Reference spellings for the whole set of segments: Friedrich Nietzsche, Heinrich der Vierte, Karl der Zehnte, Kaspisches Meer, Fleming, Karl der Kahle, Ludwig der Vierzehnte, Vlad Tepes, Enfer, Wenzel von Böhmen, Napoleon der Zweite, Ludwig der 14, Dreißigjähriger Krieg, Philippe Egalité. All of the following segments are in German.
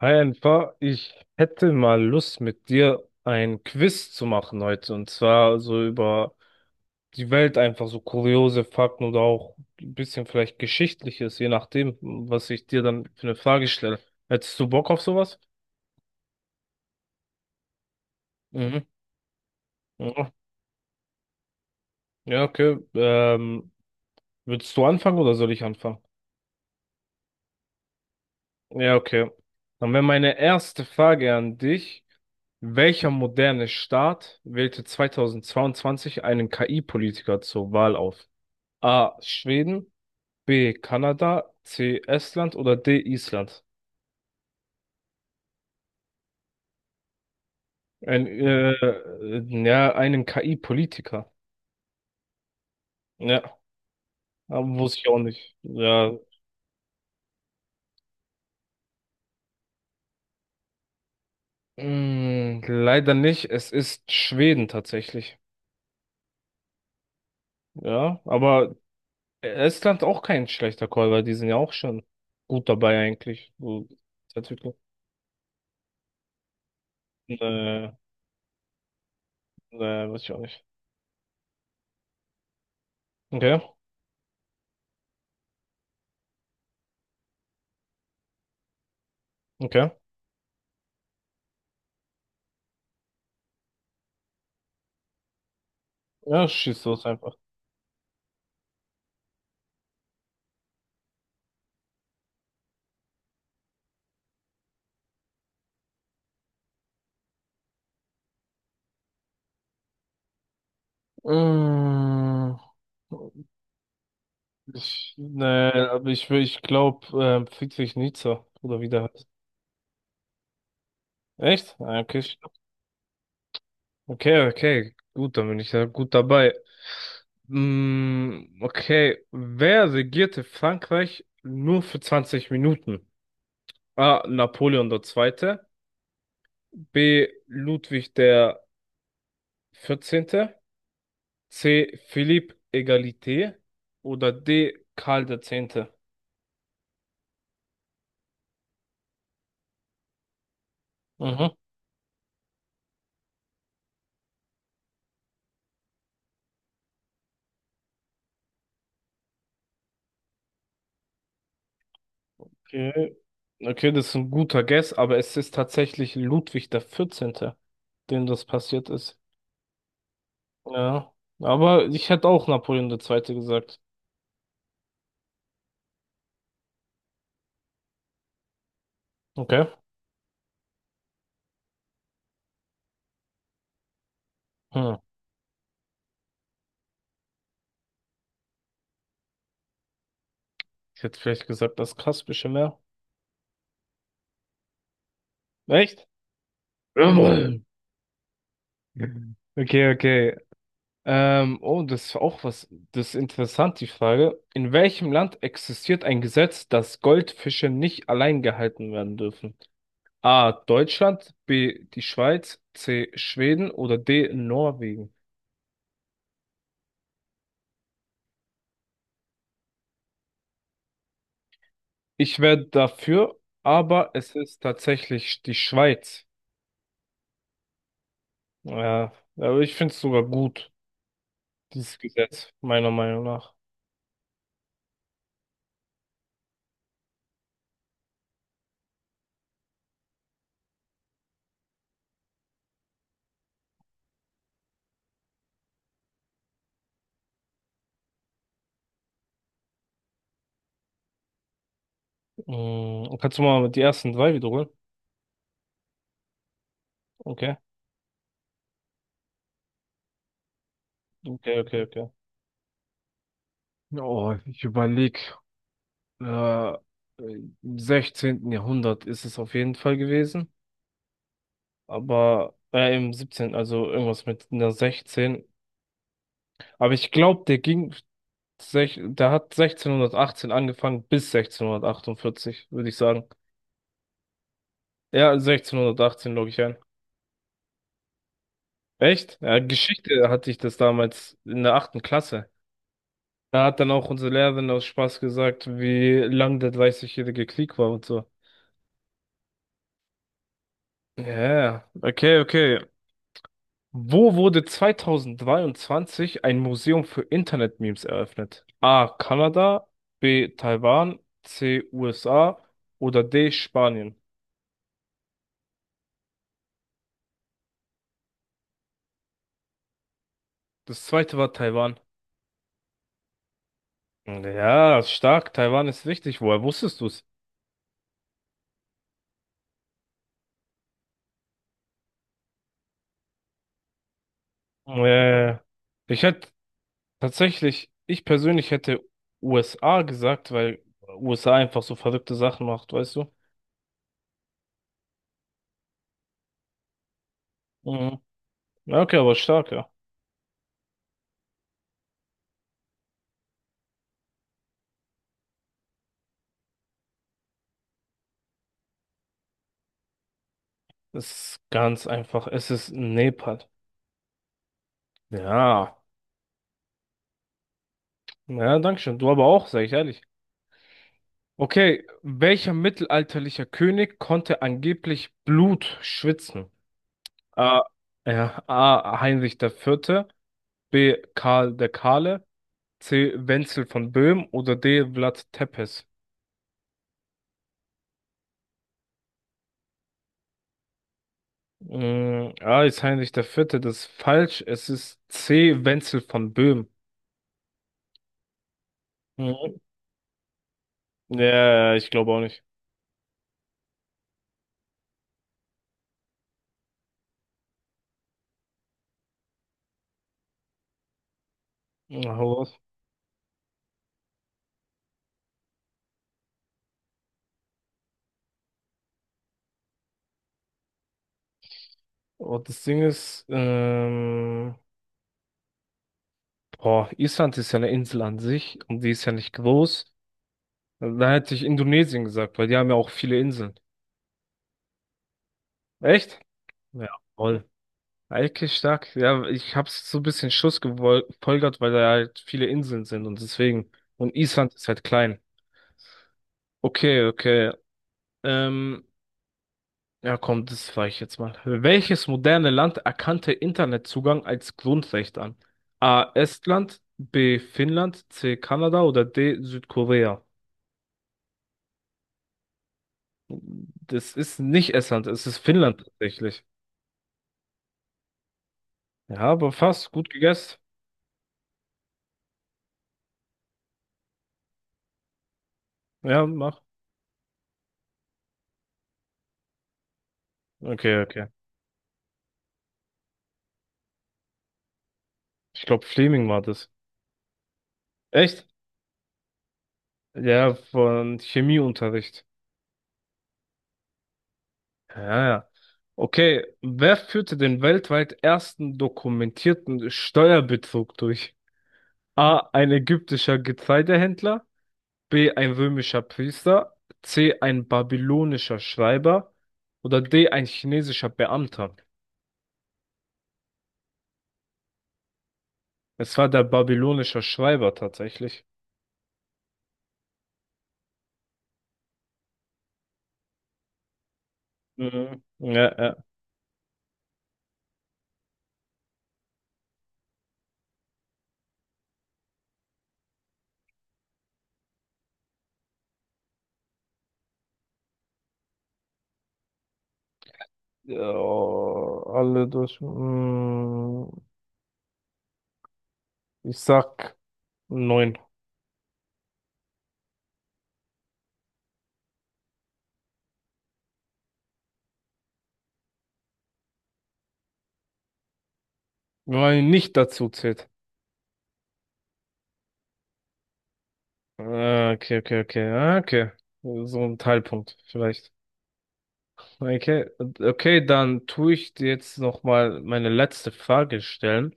Hi Enfer, ich hätte mal Lust mit dir ein Quiz zu machen heute und zwar so über die Welt, einfach so kuriose Fakten oder auch ein bisschen vielleicht Geschichtliches, je nachdem, was ich dir dann für eine Frage stelle. Hättest du Bock auf sowas? Mhm. Ja, ja, okay. Willst du anfangen oder soll ich anfangen? Ja, okay. Dann wäre meine erste Frage an dich. Welcher moderne Staat wählte 2022 einen KI-Politiker zur Wahl auf? A. Schweden, B. Kanada, C. Estland oder D. Island? Ja, einen KI-Politiker. Ja, aber wusste ich auch nicht. Ja, leider nicht. Es ist Schweden tatsächlich. Ja, aber Estland auch kein schlechter Call, weil die sind ja auch schon gut dabei eigentlich. So, Entwicklung. Äh, äh, Weiß ich auch nicht. Okay, okay. Ja, schieß los einfach. Mmh. Ne, aber ich glaube, Friedrich Nietzsche oder wie der heißt. Echt? Ah, okay, okay, okay. Gut, dann bin ich ja gut dabei. Okay, wer regierte Frankreich nur für 20 Minuten? A. Napoleon der Zweite. B. Ludwig der 14. C. Philippe Egalité. Oder D. Karl der Zehnte. Mhm. Okay. Okay, das ist ein guter Guess, aber es ist tatsächlich Ludwig der Vierzehnte, dem das passiert ist. Ja, aber ich hätte auch Napoleon der Zweite gesagt. Okay. Hm. Ich hätte vielleicht gesagt, das Kaspische Meer. Echt? Jawohl. Okay, okay. Oh, das ist auch was, das ist interessant, die Frage. In welchem Land existiert ein Gesetz, dass Goldfische nicht allein gehalten werden dürfen? A. Deutschland, B. die Schweiz, C. Schweden oder D. Norwegen? Ich wäre dafür, aber es ist tatsächlich die Schweiz. Ja, aber ich finde es sogar gut, dieses Gesetz, meiner Meinung nach. Kannst du mal die ersten drei wiederholen? Okay, okay, okay, okay. Oh, ich überlege, äh, im 16. Jahrhundert ist es auf jeden Fall gewesen, aber im 17., also irgendwas mit einer 16. Aber ich glaube, der hat 1618 angefangen bis 1648, würde ich sagen. Ja, 1618 logge ich ein. Echt? Ja, Geschichte hatte ich das damals in der achten Klasse. Da hat dann auch unsere Lehrerin aus Spaß gesagt, wie lang der Dreißigjährige Krieg war und so. Ja, yeah. Okay, okay. Wo wurde 2023 ein Museum für Internet-Memes eröffnet? A. Kanada, B. Taiwan, C. USA oder D. Spanien. Das zweite war Taiwan. Ja, stark. Taiwan ist wichtig. Woher wusstest du's? Äh, ich hätte Tatsächlich, ich persönlich hätte USA gesagt, weil USA einfach so verrückte Sachen macht, weißt du? Mhm. Ja, okay, aber stark, ja. Es ist ganz einfach. Es ist Nepal. Ja. Ja, danke schön. Du aber auch, sag ich ehrlich. Okay, welcher mittelalterlicher König konnte angeblich Blut schwitzen? A. Ja, A. Heinrich der Vierte, B. Karl der Kahle, C. Wenzel von Böhmen oder D. Vlad Tepes? A ist Heinrich der Vierte, das ist falsch. Es ist C. Wenzel von Böhmen. Mhm. Ja, ich glaube auch nicht. Na, hau raus. Und das Ding ist, boah, Island ist ja eine Insel an sich und die ist ja nicht groß. Da hätte ich Indonesien gesagt, weil die haben ja auch viele Inseln. Echt? Ja, voll. Eigentlich stark. Ja, ich hab's so ein bisschen Schuss gefolgert, weil da halt viele Inseln sind und deswegen. Und Island ist halt klein. Okay, okay. Ähm, Ja, komm, das frage ich jetzt mal. Welches moderne Land erkannte Internetzugang als Grundrecht an? A. Estland, B. Finnland, C. Kanada oder D. Südkorea? Das ist nicht Estland, es ist Finnland tatsächlich. Ja, aber fast gut gegessen. Ja, mach. Okay, okay. Ich glaube, Fleming war das. Echt? Ja, von Chemieunterricht. Ja, ja. Okay, wer führte den weltweit ersten dokumentierten Steuerbetrug durch? A. Ein ägyptischer Getreidehändler. B. Ein römischer Priester. C. Ein babylonischer Schreiber. Oder D. Ein chinesischer Beamter. Es war der babylonischer Schreiber tatsächlich. Mhm. Ja, ja. Ja, alle durch. Ich sag neun. Weil nicht dazu zählt. Ah, okay, okay, okay. Ah, okay. So ein Teilpunkt vielleicht. Okay, okay, dann tue ich dir jetzt nochmal meine letzte Frage stellen.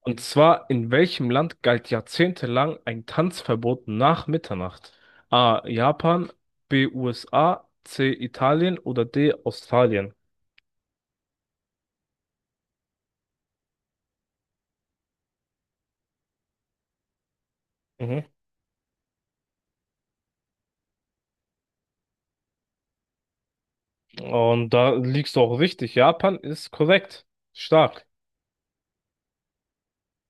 Und zwar, in welchem Land galt jahrzehntelang ein Tanzverbot nach Mitternacht? A. Japan, B. USA, C. Italien oder D. Australien? Mhm. Und da liegst du auch richtig. Japan ist korrekt. Stark.